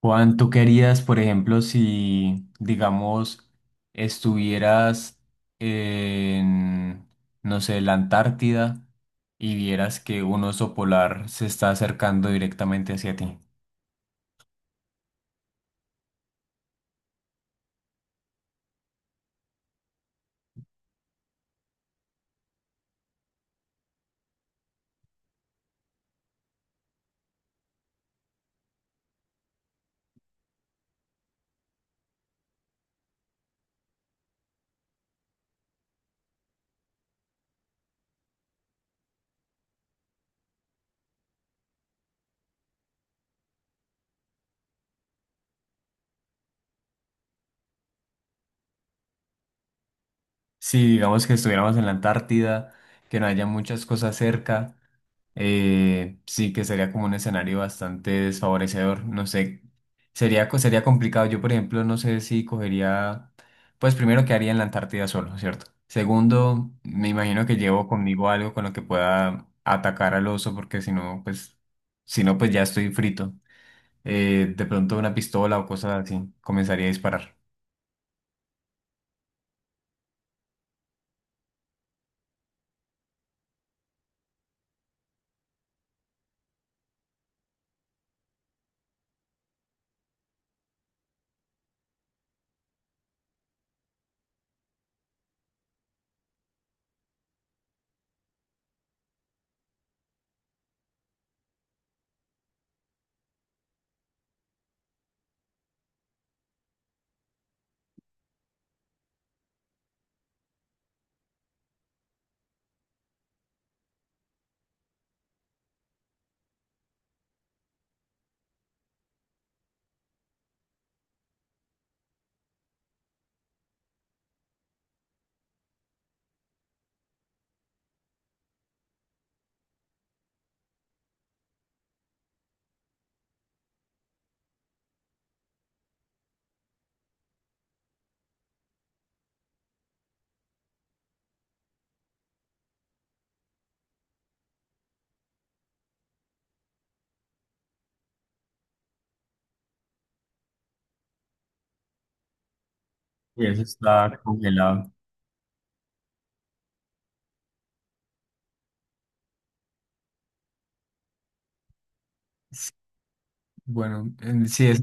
Juan, ¿tú querías, por ejemplo, si, digamos, estuvieras en, no sé, la Antártida y vieras que un oso polar se está acercando directamente hacia ti? Si, digamos, que estuviéramos en la Antártida, que no haya muchas cosas cerca, sí que sería como un escenario bastante desfavorecedor. No sé, sería, sería complicado. Yo, por ejemplo, no sé si cogería, pues primero quedaría en la Antártida solo, ¿cierto? Segundo, me imagino que llevo conmigo algo con lo que pueda atacar al oso, porque si no, pues, si no, pues ya estoy frito. De pronto una pistola o cosas así, comenzaría a disparar. Y eso está congelado. Sí, bueno, sí,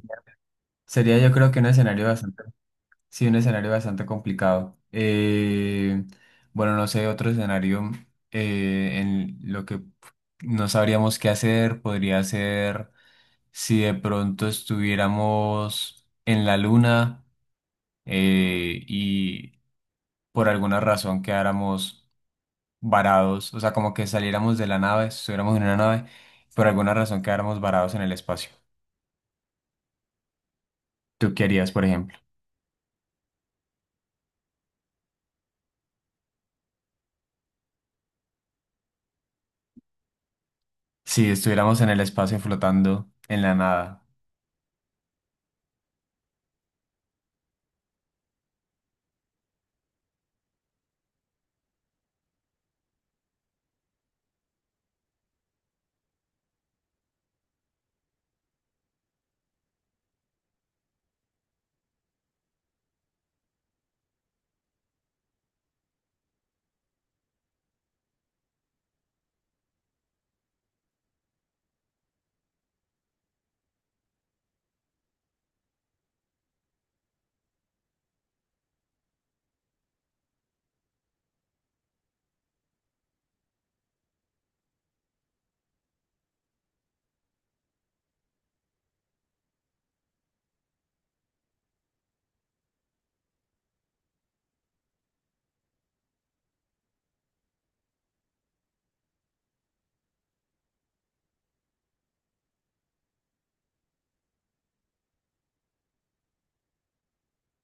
sería yo creo que un escenario bastante. Sí, un escenario bastante complicado. Bueno, no sé, otro escenario en lo que no sabríamos qué hacer podría ser si de pronto estuviéramos en la luna, y por alguna razón quedáramos varados, o sea, como que saliéramos de la nave, estuviéramos en una nave, por alguna razón quedáramos varados en el espacio. ¿Tú qué harías, por ejemplo? Si estuviéramos en el espacio flotando en la nada.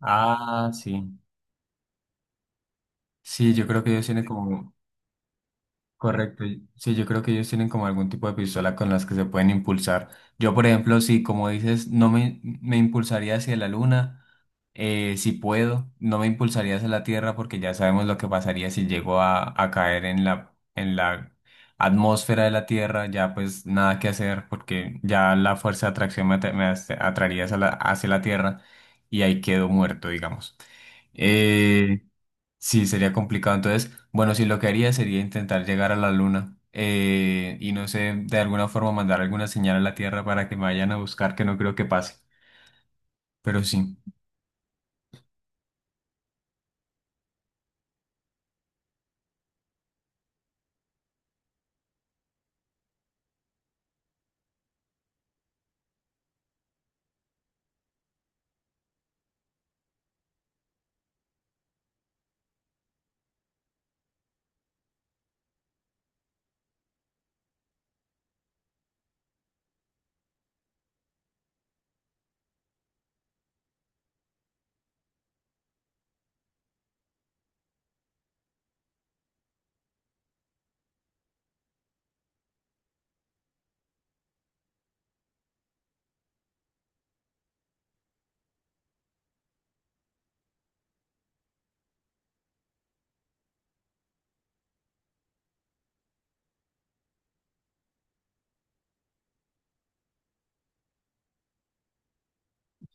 Ah, sí. Sí, yo creo que ellos tienen como, correcto, sí, yo creo que ellos tienen como algún tipo de pistola con las que se pueden impulsar. Yo, por ejemplo, sí, como dices, no me, me impulsaría hacia la luna, si puedo, no me impulsaría hacia la Tierra porque ya sabemos lo que pasaría si llego a caer en la atmósfera de la Tierra, ya pues nada que hacer porque ya la fuerza de atracción atraería hacia la Tierra y ahí quedo muerto, digamos. Eh, Sí, sería complicado. Entonces, bueno, sí, lo que haría sería intentar llegar a la luna, y no sé, de alguna forma mandar alguna señal a la Tierra para que me vayan a buscar, que no creo que pase. Pero sí,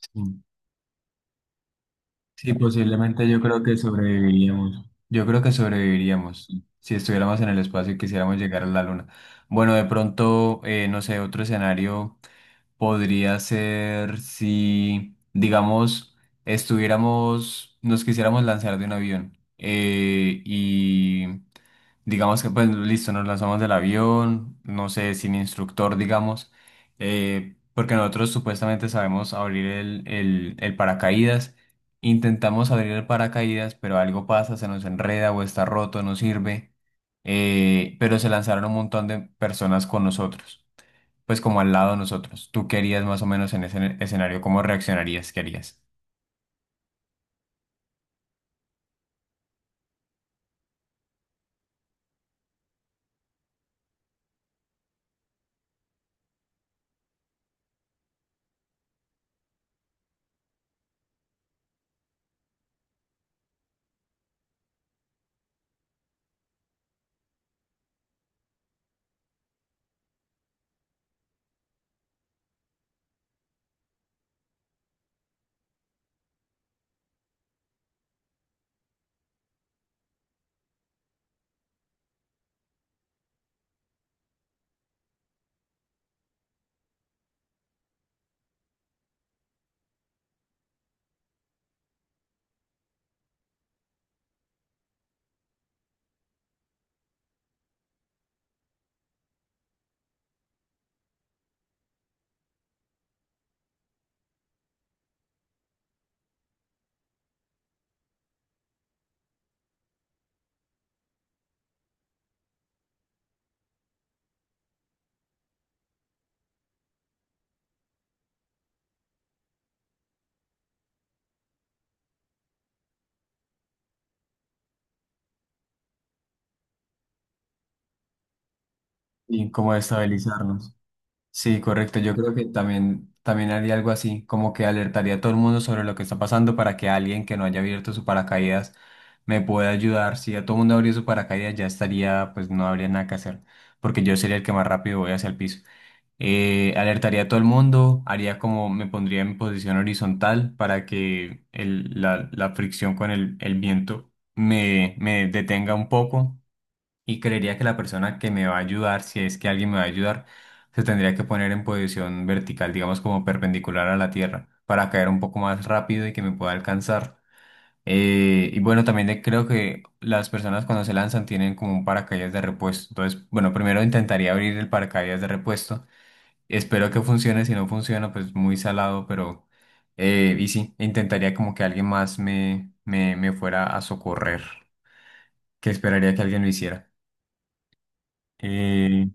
sí, sí, posiblemente yo creo que sobreviviríamos. Yo creo que sobreviviríamos sí, si estuviéramos en el espacio y quisiéramos llegar a la luna. Bueno, de pronto, no sé, otro escenario. Podría ser si, digamos, estuviéramos, nos quisiéramos lanzar de un avión, y digamos que pues listo, nos lanzamos del avión, no sé, sin instructor, digamos, porque nosotros supuestamente sabemos abrir el paracaídas, intentamos abrir el paracaídas, pero algo pasa, se nos enreda o está roto, no sirve, pero se lanzaron un montón de personas con nosotros pues como al lado de nosotros. ¿Tú qué harías más o menos en ese escenario? ¿Cómo reaccionarías? ¿Qué harías? Y cómo estabilizarnos. Sí, correcto. Yo creo que también, también haría algo así, como que alertaría a todo el mundo sobre lo que está pasando para que alguien que no haya abierto su paracaídas me pueda ayudar. Si ya todo el mundo abrió su paracaídas, ya estaría, pues no habría nada que hacer, porque yo sería el que más rápido voy hacia el piso. Alertaría a todo el mundo, haría como me pondría en posición horizontal para que la, la fricción con el viento me detenga un poco y creería que la persona que me va a ayudar, si es que alguien me va a ayudar, se tendría que poner en posición vertical, digamos como perpendicular a la tierra, para caer un poco más rápido y que me pueda alcanzar. Y bueno, también creo que las personas cuando se lanzan tienen como un paracaídas de repuesto. Entonces, bueno, primero intentaría abrir el paracaídas de repuesto. Espero que funcione, si no funciona, pues muy salado, pero y sí, intentaría como que alguien más me fuera a socorrer, que esperaría que alguien lo hiciera. Eh,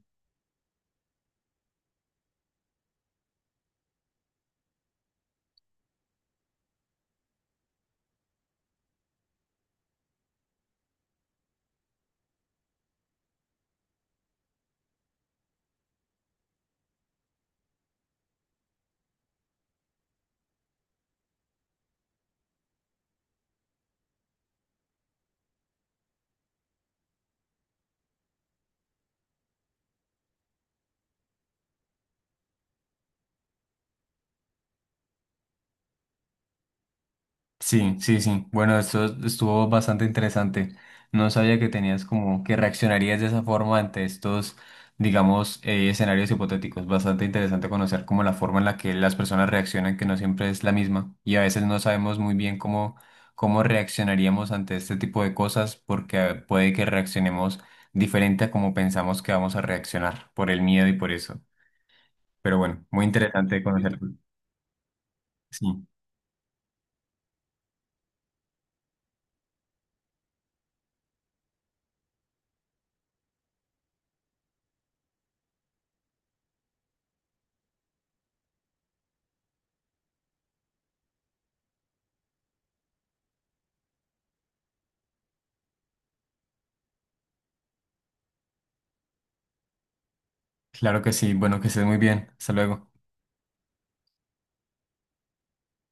Sí, sí, sí. Bueno, esto estuvo bastante interesante. No sabía que tenías como que reaccionarías de esa forma ante estos, digamos, escenarios hipotéticos. Bastante interesante conocer como la forma en la que las personas reaccionan, que no siempre es la misma. Y a veces no sabemos muy bien cómo, cómo reaccionaríamos ante este tipo de cosas, porque puede que reaccionemos diferente a como pensamos que vamos a reaccionar por el miedo y por eso. Pero bueno, muy interesante conocer. Sí. Sí, claro que sí. Bueno, que estés muy bien. Hasta luego.